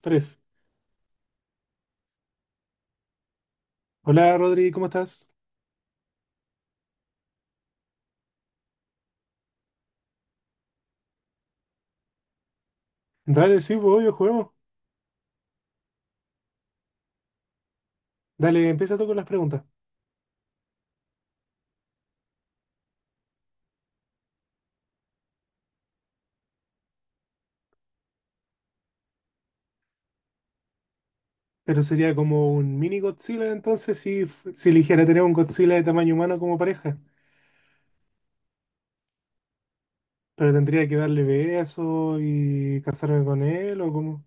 Tres. Hola Rodri, ¿cómo estás? Dale, sí, pues obvio, juguemos. Dale, empieza tú con las preguntas. Pero sería como un mini Godzilla entonces si eligiera tener un Godzilla de tamaño humano como pareja. Pero tendría que darle besos y casarme con él o cómo.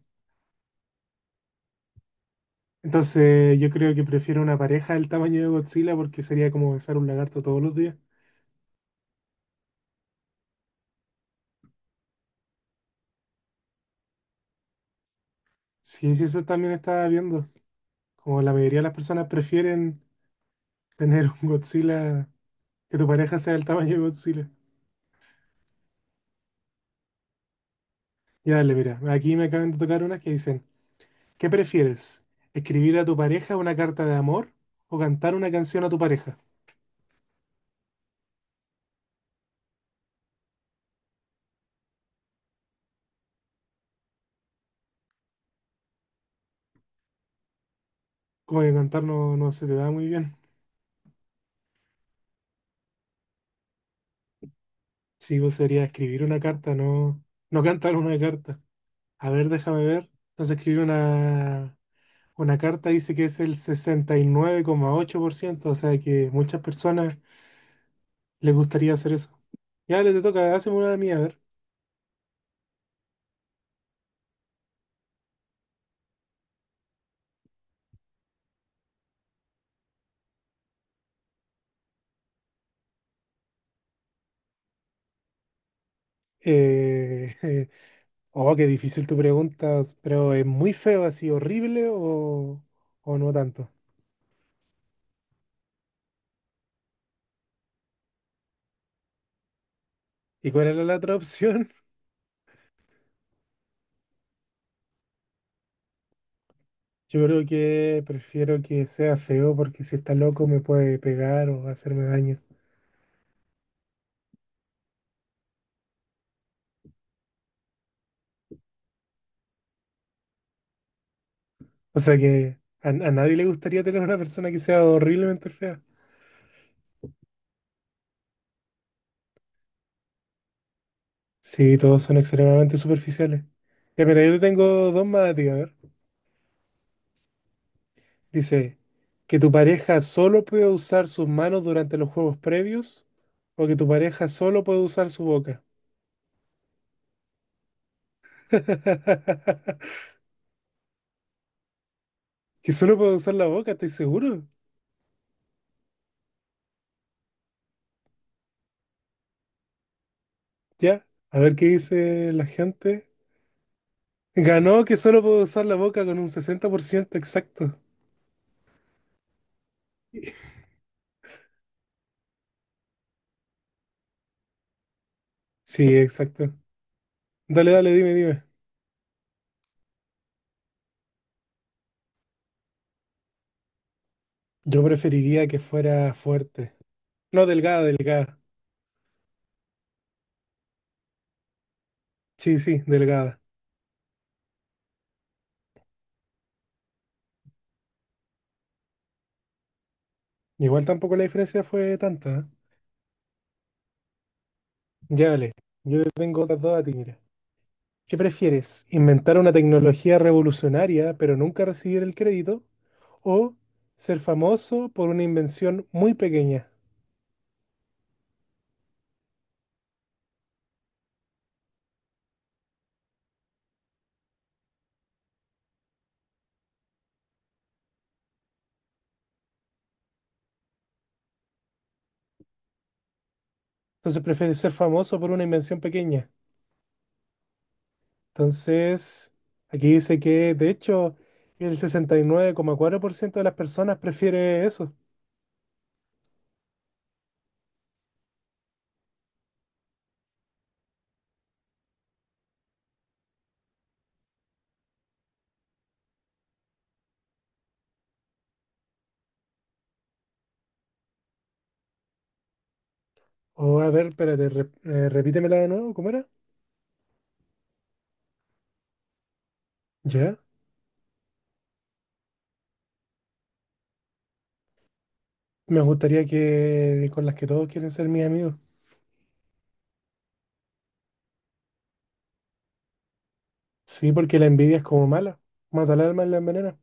Entonces yo creo que prefiero una pareja del tamaño de Godzilla porque sería como besar un lagarto todos los días. Sí, sí, eso también estaba viendo. Como la mayoría de las personas prefieren tener un Godzilla, que tu pareja sea del tamaño de Godzilla. Ya dale, mira, aquí me acaban de tocar unas que dicen. ¿Qué prefieres? ¿Escribir a tu pareja una carta de amor o cantar una canción a tu pareja? Como que cantar no, no se te da muy bien. Sí, vos sería escribir una carta, no, no cantar una carta. A ver, déjame ver. Entonces escribir una carta dice que es el 69,8%, o sea que muchas personas les gustaría hacer eso. Ya, le te toca, hazme una de mía, a ver. Eh, oh, qué difícil tu pregunta, pero ¿es muy feo así, horrible o no tanto? ¿Y cuál era la otra opción? Yo creo que prefiero que sea feo porque si está loco me puede pegar o hacerme daño. O sea que a nadie le gustaría tener una persona que sea horriblemente fea. Sí, todos son extremadamente superficiales. Ya, mira, yo te tengo dos más a ti, a ver. Dice, que tu pareja solo puede usar sus manos durante los juegos previos o que tu pareja solo puede usar su boca. Que solo puede usar la boca, estoy seguro. Ya, a ver qué dice la gente. Ganó que solo puedo usar la boca con un 60% exacto. Sí, exacto. Dale, dale, dime, dime. Yo preferiría que fuera fuerte. No, delgada, delgada. Sí, sí, delgada. Igual tampoco la diferencia fue tanta, ¿eh? Ya, dale. Yo te tengo otras dos a ti, mira. ¿Qué prefieres? ¿Inventar una tecnología revolucionaria pero nunca recibir el crédito? ¿O ser famoso por una invención muy pequeña? Entonces, ¿prefieres ser famoso por una invención pequeña? Entonces, aquí dice que de hecho el 69,4% de las personas prefiere eso. O a ver, espérate, repítemela de nuevo, ¿cómo era? Ya. Me gustaría que con las que todos quieren ser mis amigos. Sí, porque la envidia es como mala. Mata al alma y la envenena.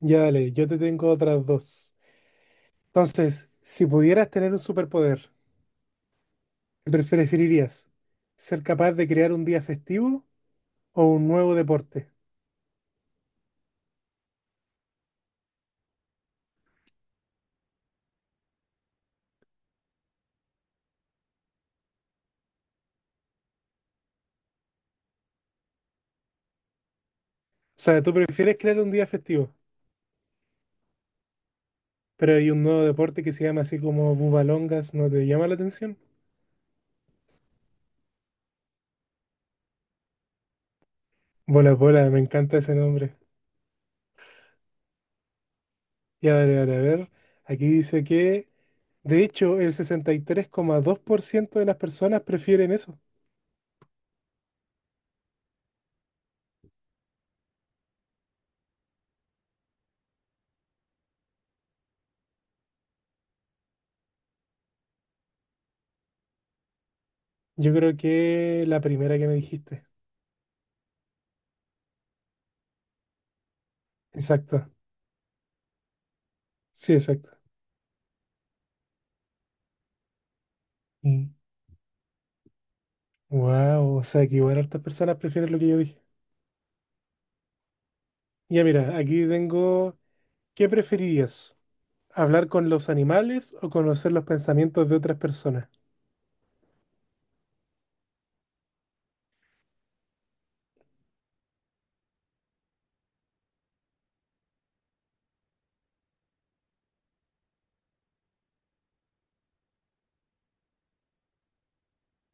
Ya dale, yo te tengo otras dos. Entonces, si pudieras tener un superpoder, ¿qué preferirías? ¿Ser capaz de crear un día festivo o un nuevo deporte? O sea, ¿tú prefieres crear un día festivo? Pero hay un nuevo deporte que se llama así como Bubalongas, ¿no te llama la atención? Bola bola, me encanta ese nombre. Ya, a ver, a ver, a ver. Aquí dice que, de hecho, el 63,2% de las personas prefieren eso. Yo creo que la primera que me dijiste. Exacto, sí, exacto. Y wow, o sea que igual hartas personas prefieren lo que yo dije. Ya mira, aquí tengo, ¿qué preferirías? ¿Hablar con los animales o conocer los pensamientos de otras personas?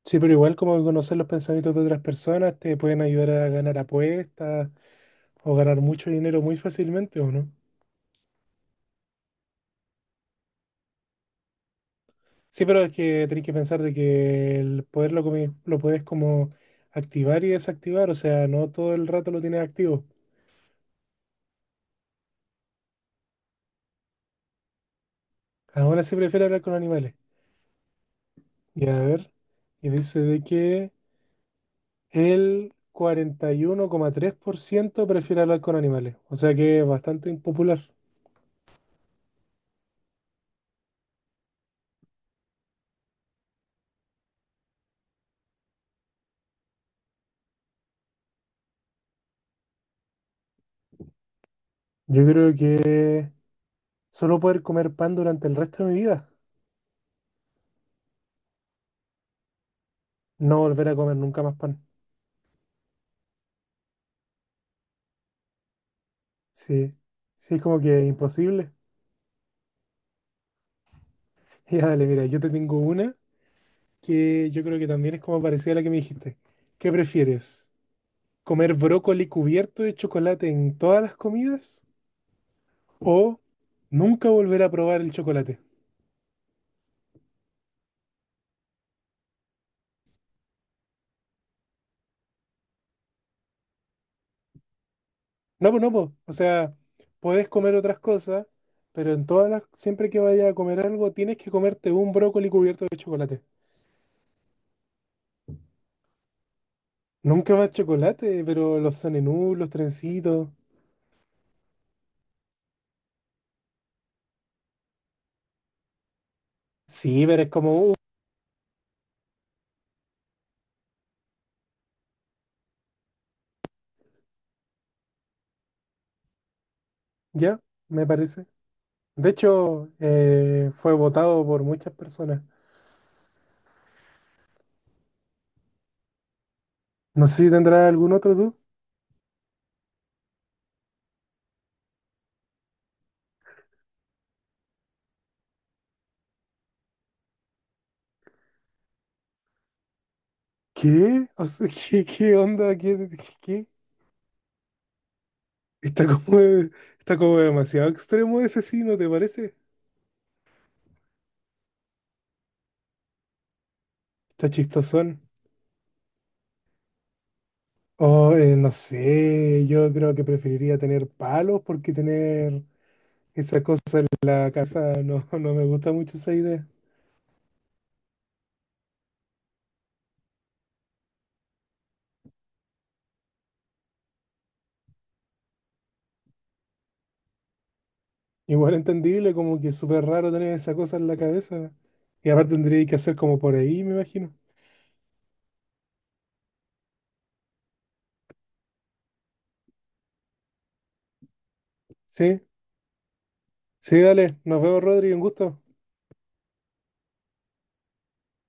Sí, pero igual como conocer los pensamientos de otras personas te pueden ayudar a ganar apuestas o ganar mucho dinero muy fácilmente, ¿o no? Sí, pero es que tenés que pensar de que el poder lo puedes como activar y desactivar, o sea, no todo el rato lo tienes activo. Ahora sí prefiero hablar con animales. Y a ver, y dice de que el 41,3% prefiere hablar con animales, o sea que es bastante impopular. Yo creo que solo poder comer pan durante el resto de mi vida. No volver a comer nunca más pan. Sí, sí, es como que imposible. Ya, dale, mira, yo te tengo una que yo creo que también es como parecida a la que me dijiste. ¿Qué prefieres? ¿Comer brócoli cubierto de chocolate en todas las comidas? ¿O nunca volver a probar el chocolate? No, pues no, pues. O sea, puedes comer otras cosas, pero en todas las, siempre que vayas a comer algo, tienes que comerte un brócoli cubierto de chocolate. Nunca más chocolate, pero los sanenú, los trencitos. Sí, pero es como... Ya, me parece. De hecho, fue votado por muchas personas. No sé si tendrá algún otro tú. ¿Qué? O sea, ¿qué, qué onda? ¿Qué, qué? ¿Qué? Está como, está como demasiado extremo ese sí, ¿no te parece? Está chistosón. Oh, no sé, yo creo que preferiría tener palos porque tener esa cosa en la casa no, no me gusta mucho esa idea. Igual entendible, como que es súper raro tener esa cosa en la cabeza. Y aparte tendría que hacer como por ahí, me imagino. Sí, sí, dale, nos vemos, Rodri, un gusto.